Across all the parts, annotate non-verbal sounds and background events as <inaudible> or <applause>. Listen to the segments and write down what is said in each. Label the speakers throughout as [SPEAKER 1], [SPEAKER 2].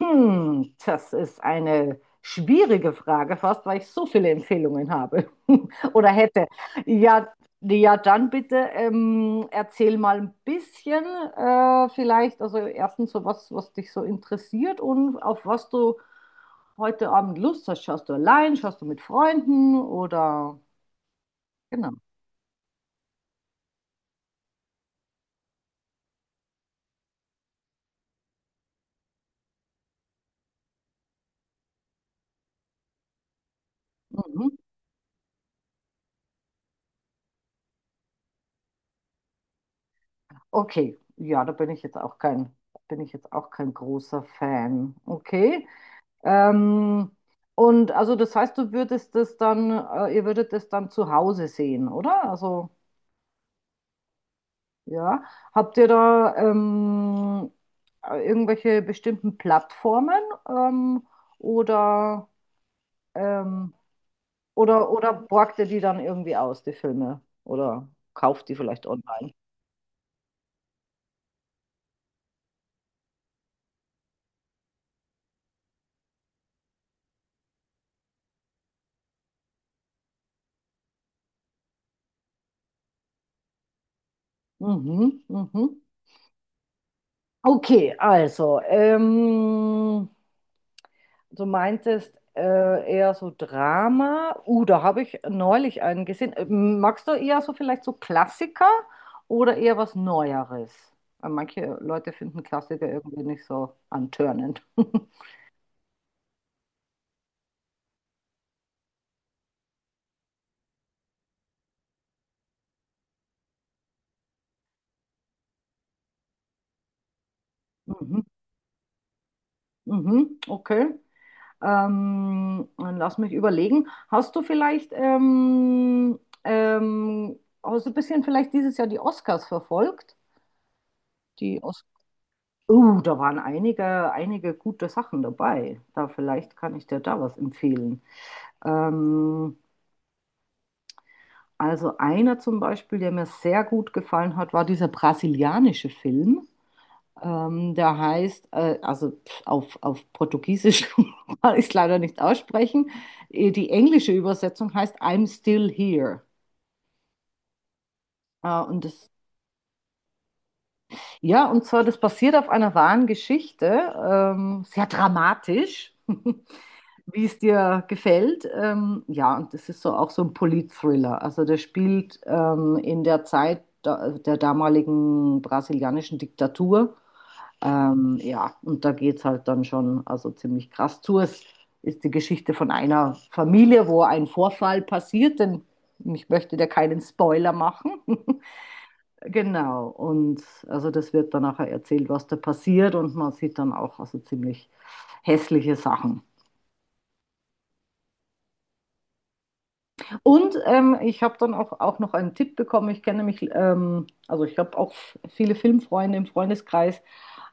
[SPEAKER 1] Das ist eine schwierige Frage, fast weil ich so viele Empfehlungen habe <laughs> oder hätte. Ja, ja, dann bitte erzähl mal ein bisschen vielleicht, also erstens so was, was dich so interessiert und auf was du heute Abend Lust hast. Schaust du allein, schaust du mit Freunden oder genau. Mhm. Okay, ja, da bin ich jetzt auch kein, bin ich jetzt auch kein großer Fan. Okay. Ähm, und also das heißt, du würdest das dann, ihr würdet das dann zu Hause sehen, oder? Also ja, habt ihr da irgendwelche bestimmten Plattformen ähm, oder, ähm, oder borgt ihr die dann irgendwie aus, die Filme? Oder kauft die vielleicht online? Mhm, mhm. Okay, also du meintest eher so Drama. Da habe ich neulich einen gesehen. Magst du eher so vielleicht so Klassiker oder eher was Neueres? Weil manche Leute finden Klassiker irgendwie nicht so antörnend. <laughs> Mhm, mhm, okay. Dann lass mich überlegen. Ähm, hast du ein bisschen vielleicht dieses Jahr die Oscars verfolgt? Die Os Oh, da waren einige, einige gute Sachen dabei. Da vielleicht kann ich dir da was empfehlen. Ähm, also einer zum Beispiel, der mir sehr gut gefallen hat, war dieser brasilianische Film. Der heißt, also auf Portugiesisch <laughs> kann ich es leider nicht aussprechen. Die englische Übersetzung heißt I'm Still Here. Äh, und das, ja, und zwar, das basiert auf einer wahren Geschichte, sehr dramatisch. <laughs> Wie es dir gefällt. Ja, und das ist so auch so ein Polit-Thriller. Also der spielt in der Zeit da, der damaligen brasilianischen Diktatur. Ja, und da geht es halt dann schon also ziemlich krass zu. Es ist die Geschichte von einer Familie, wo ein Vorfall passiert, denn ich möchte dir keinen Spoiler machen. <laughs> Genau, und also das wird dann nachher erzählt, was da passiert, und man sieht dann auch also ziemlich hässliche Sachen. Und ich habe dann auch noch einen Tipp bekommen. Ich kenne mich, also ich habe auch viele Filmfreunde im Freundeskreis.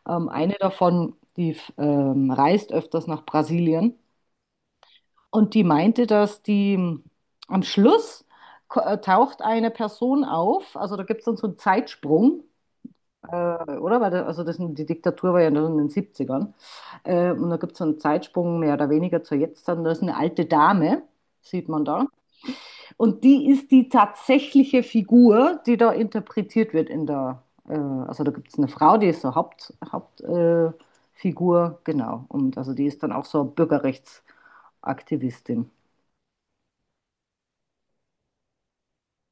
[SPEAKER 1] Eine davon, die reist öfters nach Brasilien. Und die meinte, dass die am Schluss taucht eine Person auf. Also da gibt es dann so einen Zeitsprung, oder? Weil da, also das, die Diktatur war ja noch in den 70ern. Und da gibt es so einen Zeitsprung mehr oder weniger zur Jetzt. Dann da ist eine alte Dame, sieht man da. Und die ist die tatsächliche Figur, die da interpretiert wird, in der, also da gibt es eine Frau, die ist so Hauptfigur, genau. Und also die ist dann auch so Bürgerrechtsaktivistin.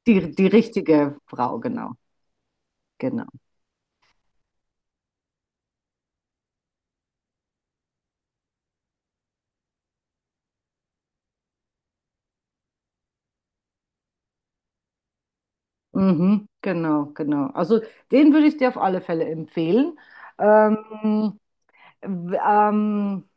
[SPEAKER 1] Die richtige Frau, genau. Genau. Mhm, genau, genau. Also den würde ich dir auf alle Fälle empfehlen. Ähm, w- ähm,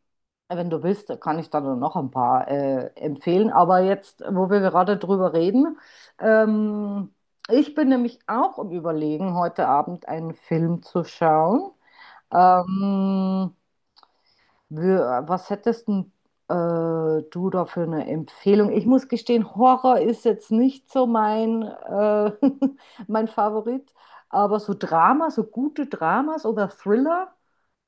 [SPEAKER 1] Wenn du willst, kann ich dann noch ein paar empfehlen. Aber jetzt, wo wir gerade drüber reden, ähm, ich bin nämlich auch im Überlegen, heute Abend einen Film zu schauen. Ähm, Was hättest denn, du da für eine Empfehlung? Ich muss gestehen, Horror ist jetzt nicht so <laughs> mein Favorit, aber so Drama, so gute Dramas oder Thriller,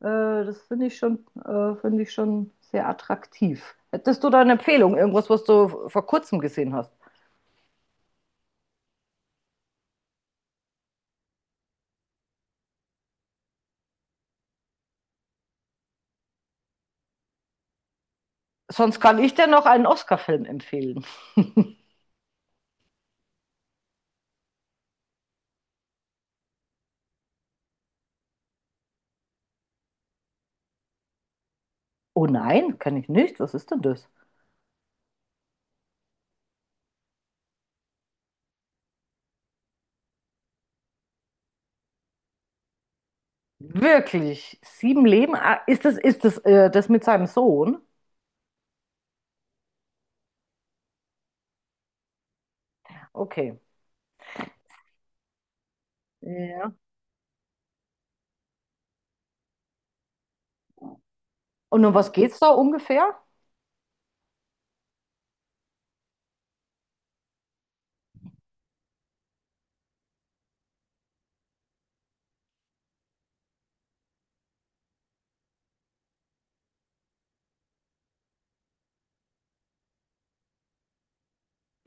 [SPEAKER 1] das finde ich schon sehr attraktiv. Hättest du da eine Empfehlung, irgendwas, was du vor kurzem gesehen hast? Sonst kann ich dir noch einen Oscar-Film empfehlen. Oh nein, kann ich nicht. Was ist denn das? Wirklich? Sieben Leben? Ah, ist das das mit seinem Sohn? Okay. Ja. Und um was geht's da ungefähr?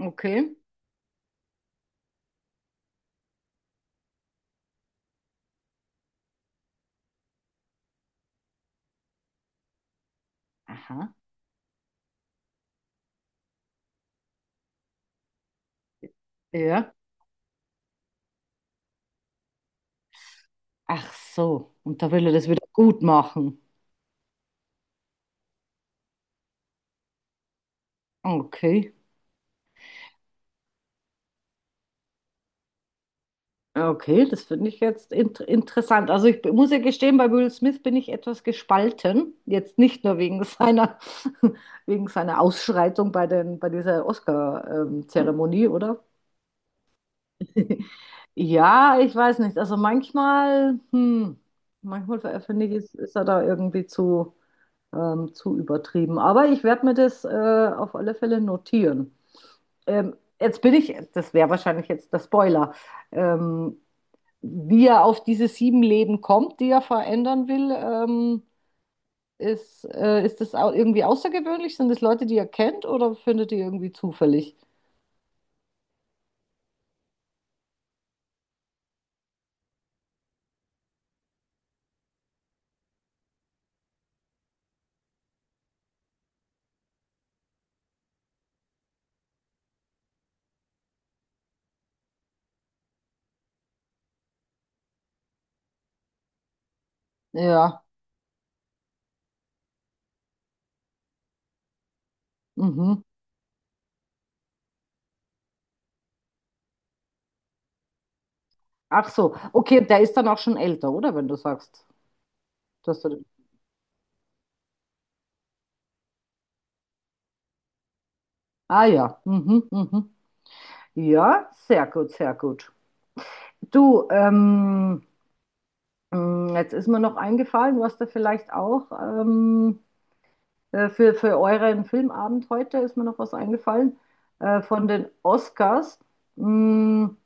[SPEAKER 1] Okay. Aha. Ja. Ach so. Und da will er das wieder gut machen. Okay. Okay, das finde ich jetzt interessant. Also ich muss ja gestehen, bei Will Smith bin ich etwas gespalten. Jetzt nicht nur <laughs> wegen seiner Ausschreitung bei bei dieser Oscar-Zeremonie, oder? <laughs> Ja, ich weiß nicht. Also manchmal finde ich, ist er da irgendwie zu übertrieben. Aber ich werde mir das auf alle Fälle notieren. Das wäre wahrscheinlich jetzt der Spoiler, ähm, wie er auf diese sieben Leben kommt, die er verändern will. Ist das irgendwie außergewöhnlich? Sind das Leute, die er kennt oder findet ihr irgendwie zufällig? Ja, mhm. Ach so, okay, der ist dann auch schon älter, oder? Wenn du sagst, dass du den... Ah ja, mhm, mhm. Ja, sehr gut, sehr gut. Du, jetzt ist mir noch eingefallen, du hast da vielleicht auch für euren Filmabend heute ist mir noch was eingefallen von den Oscars. Hm,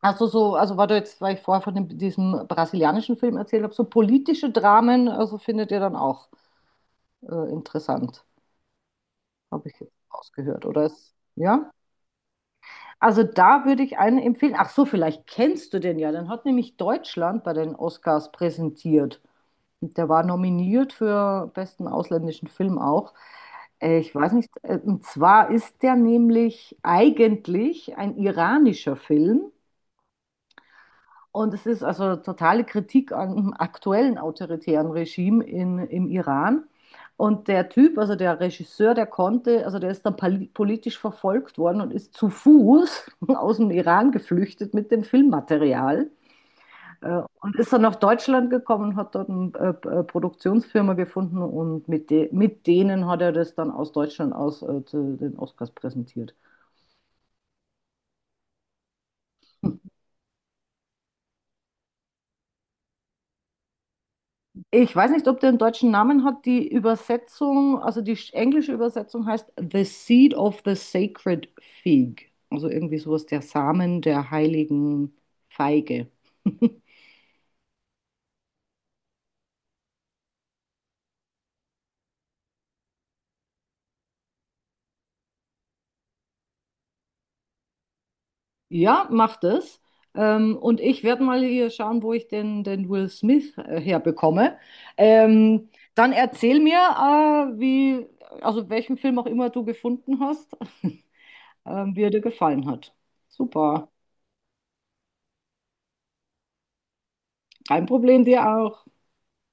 [SPEAKER 1] also so, also weil ich vorher von diesem brasilianischen Film erzählt habe, so politische Dramen, also findet ihr dann auch interessant, habe ich jetzt rausgehört, oder ist, ja? Also da würde ich einen empfehlen. Ach so, vielleicht kennst du den ja. Den hat nämlich Deutschland bei den Oscars präsentiert. Und der war nominiert für besten ausländischen Film auch. Ich weiß nicht, und zwar ist der nämlich eigentlich ein iranischer Film. Und es ist also totale Kritik an dem aktuellen autoritären Regime im Iran. Und der Typ, also der Regisseur, der konnte, also der ist dann politisch verfolgt worden und ist zu Fuß <laughs> aus dem Iran geflüchtet mit dem Filmmaterial. Und ist dann nach Deutschland gekommen, hat dort eine Produktionsfirma gefunden, und mit denen hat er das dann aus Deutschland aus zu den Oscars präsentiert. Ich weiß nicht, ob der einen deutschen Namen hat. Die Übersetzung, also die englische Übersetzung heißt The Seed of the Sacred Fig. Also irgendwie sowas, der Samen der heiligen Feige. Ja, macht es. Und ich werde mal hier schauen, wo ich den Will Smith herbekomme. Ähm, Dann erzähl mir, also welchen Film auch immer du gefunden hast, <laughs> wie er dir gefallen hat. Super. Kein Problem, dir auch.